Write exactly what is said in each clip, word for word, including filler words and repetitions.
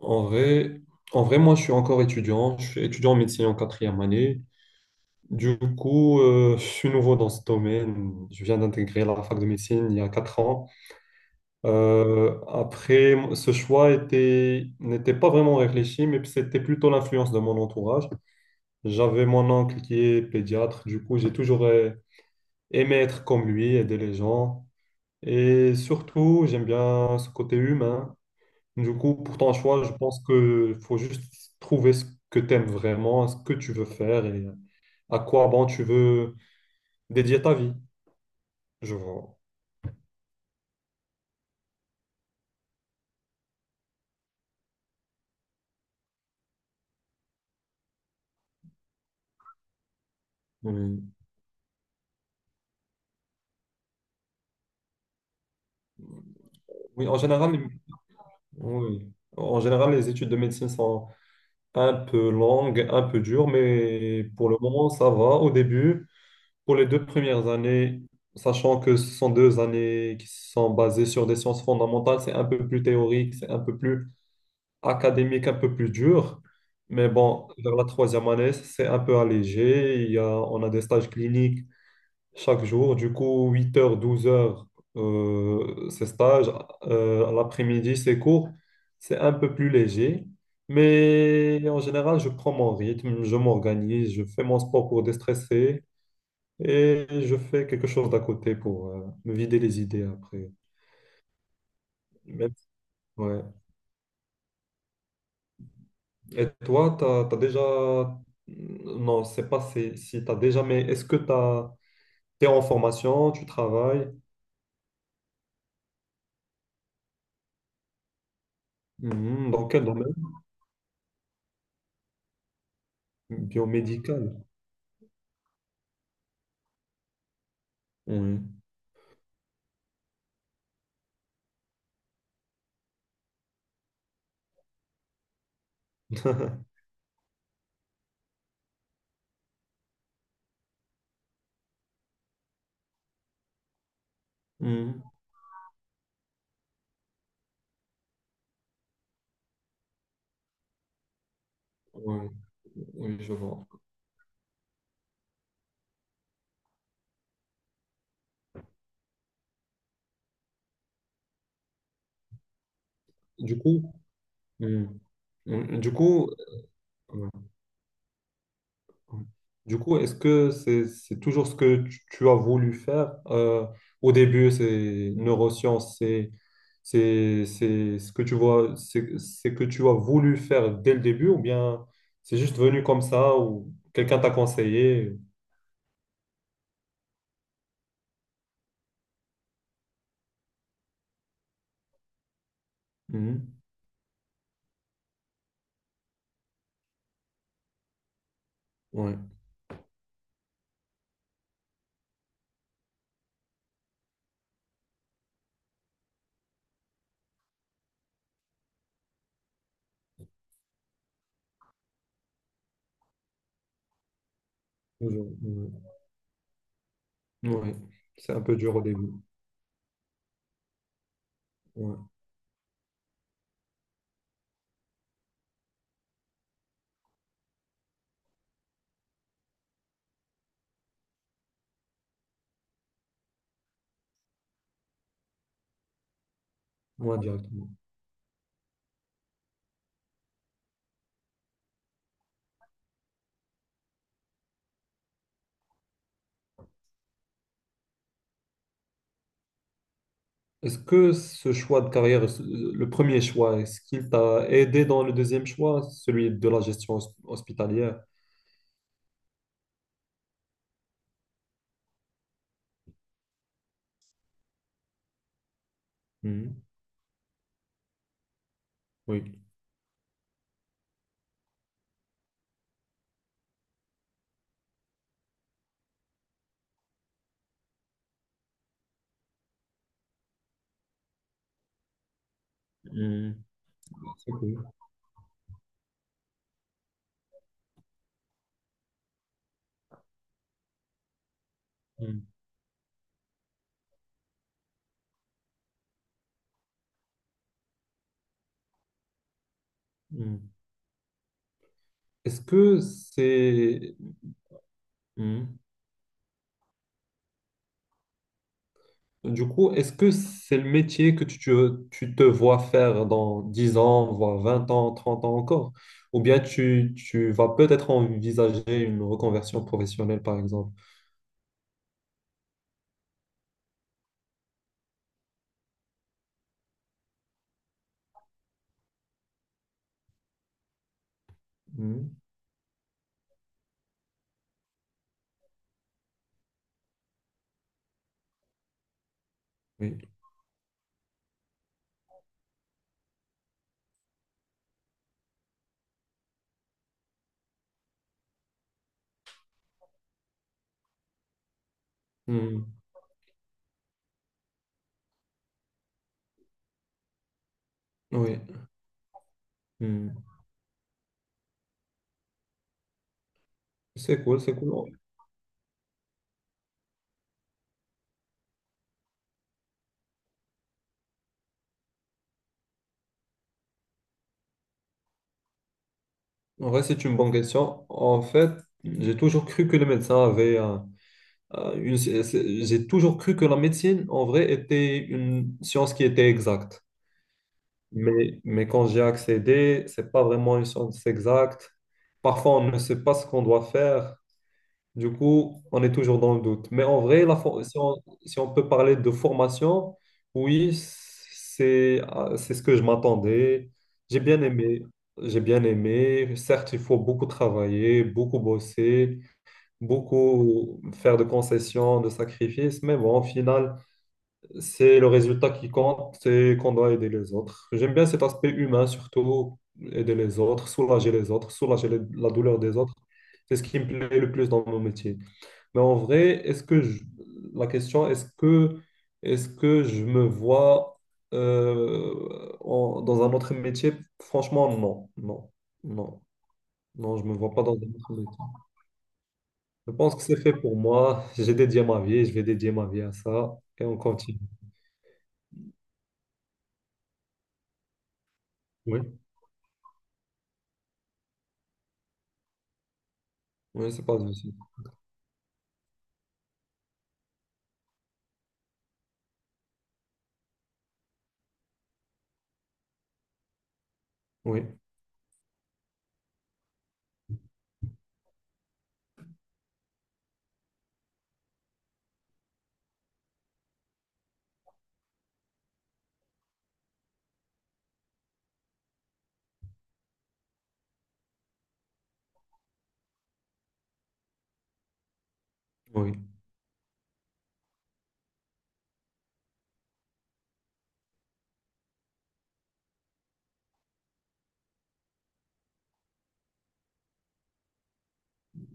En vrai, en vrai, moi, je suis encore étudiant. Je suis étudiant en médecine en quatrième année. Du coup, euh, je suis nouveau dans ce domaine. Je viens d'intégrer la fac de médecine il y a quatre ans. Euh, après, ce choix était, n'était pas vraiment réfléchi, mais c'était plutôt l'influence de mon entourage. J'avais mon oncle qui est pédiatre. Du coup, j'ai toujours euh, aimé être comme lui, aider les gens. Et surtout, j'aime bien ce côté humain. Du coup, pour ton choix, je pense que faut juste trouver ce que tu aimes vraiment, ce que tu veux faire et à quoi bon tu veux dédier ta vie. Je vois. Oui. Oui, en général, les- oui. En général, les études de médecine sont un peu longues, un peu dures, mais pour le moment, ça va. Au début, pour les deux premières années, sachant que ce sont deux années qui sont basées sur des sciences fondamentales, c'est un peu plus théorique, c'est un peu plus académique un peu plus dur. Mais bon, vers la troisième année, c'est un peu allégé. Il y a, on a des stages cliniques chaque jour. Du coup, huit heures, douze heures, euh, ces stages. Euh, à l'après-midi, ces cours, c'est un peu plus léger. Mais en général, je prends mon rythme, je m'organise, je fais mon sport pour déstresser et je fais quelque chose d'à côté pour euh, me vider les idées après. Même- si, ouais. Et toi, t'as, t'as déjà... Non, c'est pas si, si t'as déjà, mais est-ce que t'as... T'es en formation, tu travailles. Mhm. Dans quel domaine? Biomédical. Oui. Mhm. Oui, oui, je vois. Du coup, mhm. Mhm. Du coup, ouais. Du coup, est-ce que c'est c'est toujours ce que tu, tu as voulu faire? Euh, au début, c'est neurosciences, c'est C'est, c'est ce que tu vois, c'est c'est que tu as voulu faire dès le début ou bien c'est juste venu comme ça ou quelqu'un t'a conseillé. Mhm. Ouais. Toujours, ouais. Ouais. C'est un peu dur au début. Ouais. Moi, directement. Est-ce que ce choix de carrière, ce- le premier choix, est-ce qu'il t'a aidé dans le deuxième choix, celui de la gestion hos- hospitalière? Mhm. Oui. Mhm. C'est cool. Mhm. Mhm. Est-ce que c'est... Mhm. Du coup, est-ce que c'est le métier que tu, tu tu te vois faire dans dix ans, voire vingt ans, trente ans encore? Ou bien tu, tu vas peut-être envisager une reconversion professionnelle, par exemple? Hmm, oui. Hmm, oui. Hmm. C'est cool, c'est cool. En vrai, c'est une bonne question. En fait, j'ai toujours cru que les médecins avaient un- un- une... c'est- c'est- J'ai toujours cru que la médecine, en vrai, était une science qui était exacte. Mais, mais quand j'ai accédé, c'est pas vraiment une science exacte. Parfois, on ne sait pas ce qu'on doit faire. Du coup, on est toujours dans le doute. Mais en vrai, la for- si on, si on peut parler de formation, oui, c'est, euh, c'est ce que je m'attendais. J'ai bien aimé. J'ai bien aimé. Certes, il faut beaucoup travailler, beaucoup bosser, beaucoup faire de concessions, de sacrifices. Mais bon, au final, c'est le résultat qui compte, c'est qu'on doit aider les autres. J'aime bien cet aspect humain, surtout aider les autres, soulager les autres, soulager les- la douleur des autres. C'est ce qui me plaît le plus dans mon métier. Mais en vrai, est-ce que je- la question, est-ce que, est-ce que je me vois euh, en- dans un autre métier? Franchement, non, non, non, non, je me vois pas dans un autre métier. Je pense que c'est fait pour moi. J'ai dédié ma vie, je vais dédier ma vie à ça et on continue. Oui, oui, c'est pas de souci. Oui, oui.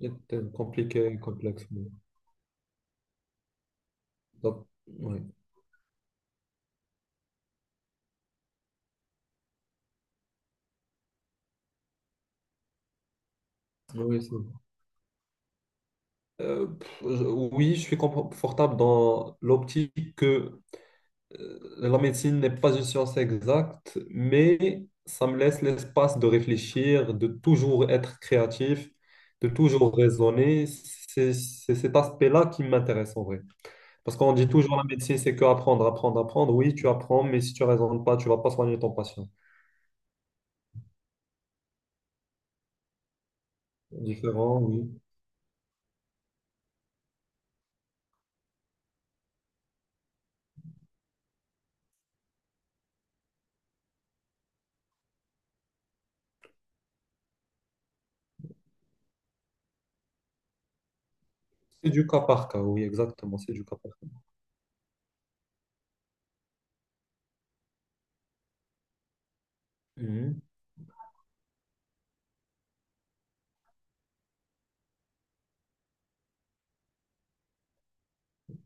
C'est euh, compliqué et complexe. Oui. Donc, oui, oui, c'est vrai. Euh, pff, je- oui, je suis confortable dans l'optique que euh, la médecine n'est pas une science exacte, mais ça me laisse l'espace de réfléchir, de toujours être créatif, de toujours raisonner. C'est c'est cet aspect-là qui m'intéresse en vrai. Parce qu'on dit toujours la médecine, c'est que apprendre, apprendre, apprendre. Oui, tu apprends, mais si tu raisonnes pas, tu vas pas soigner ton patient. Différent, oui. C'est du cas par cas, oui, exactement, c'est du cas par cas. Mhm.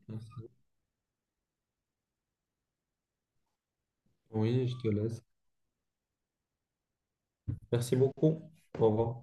Merci. Oui, je te laisse. Merci beaucoup. Au revoir.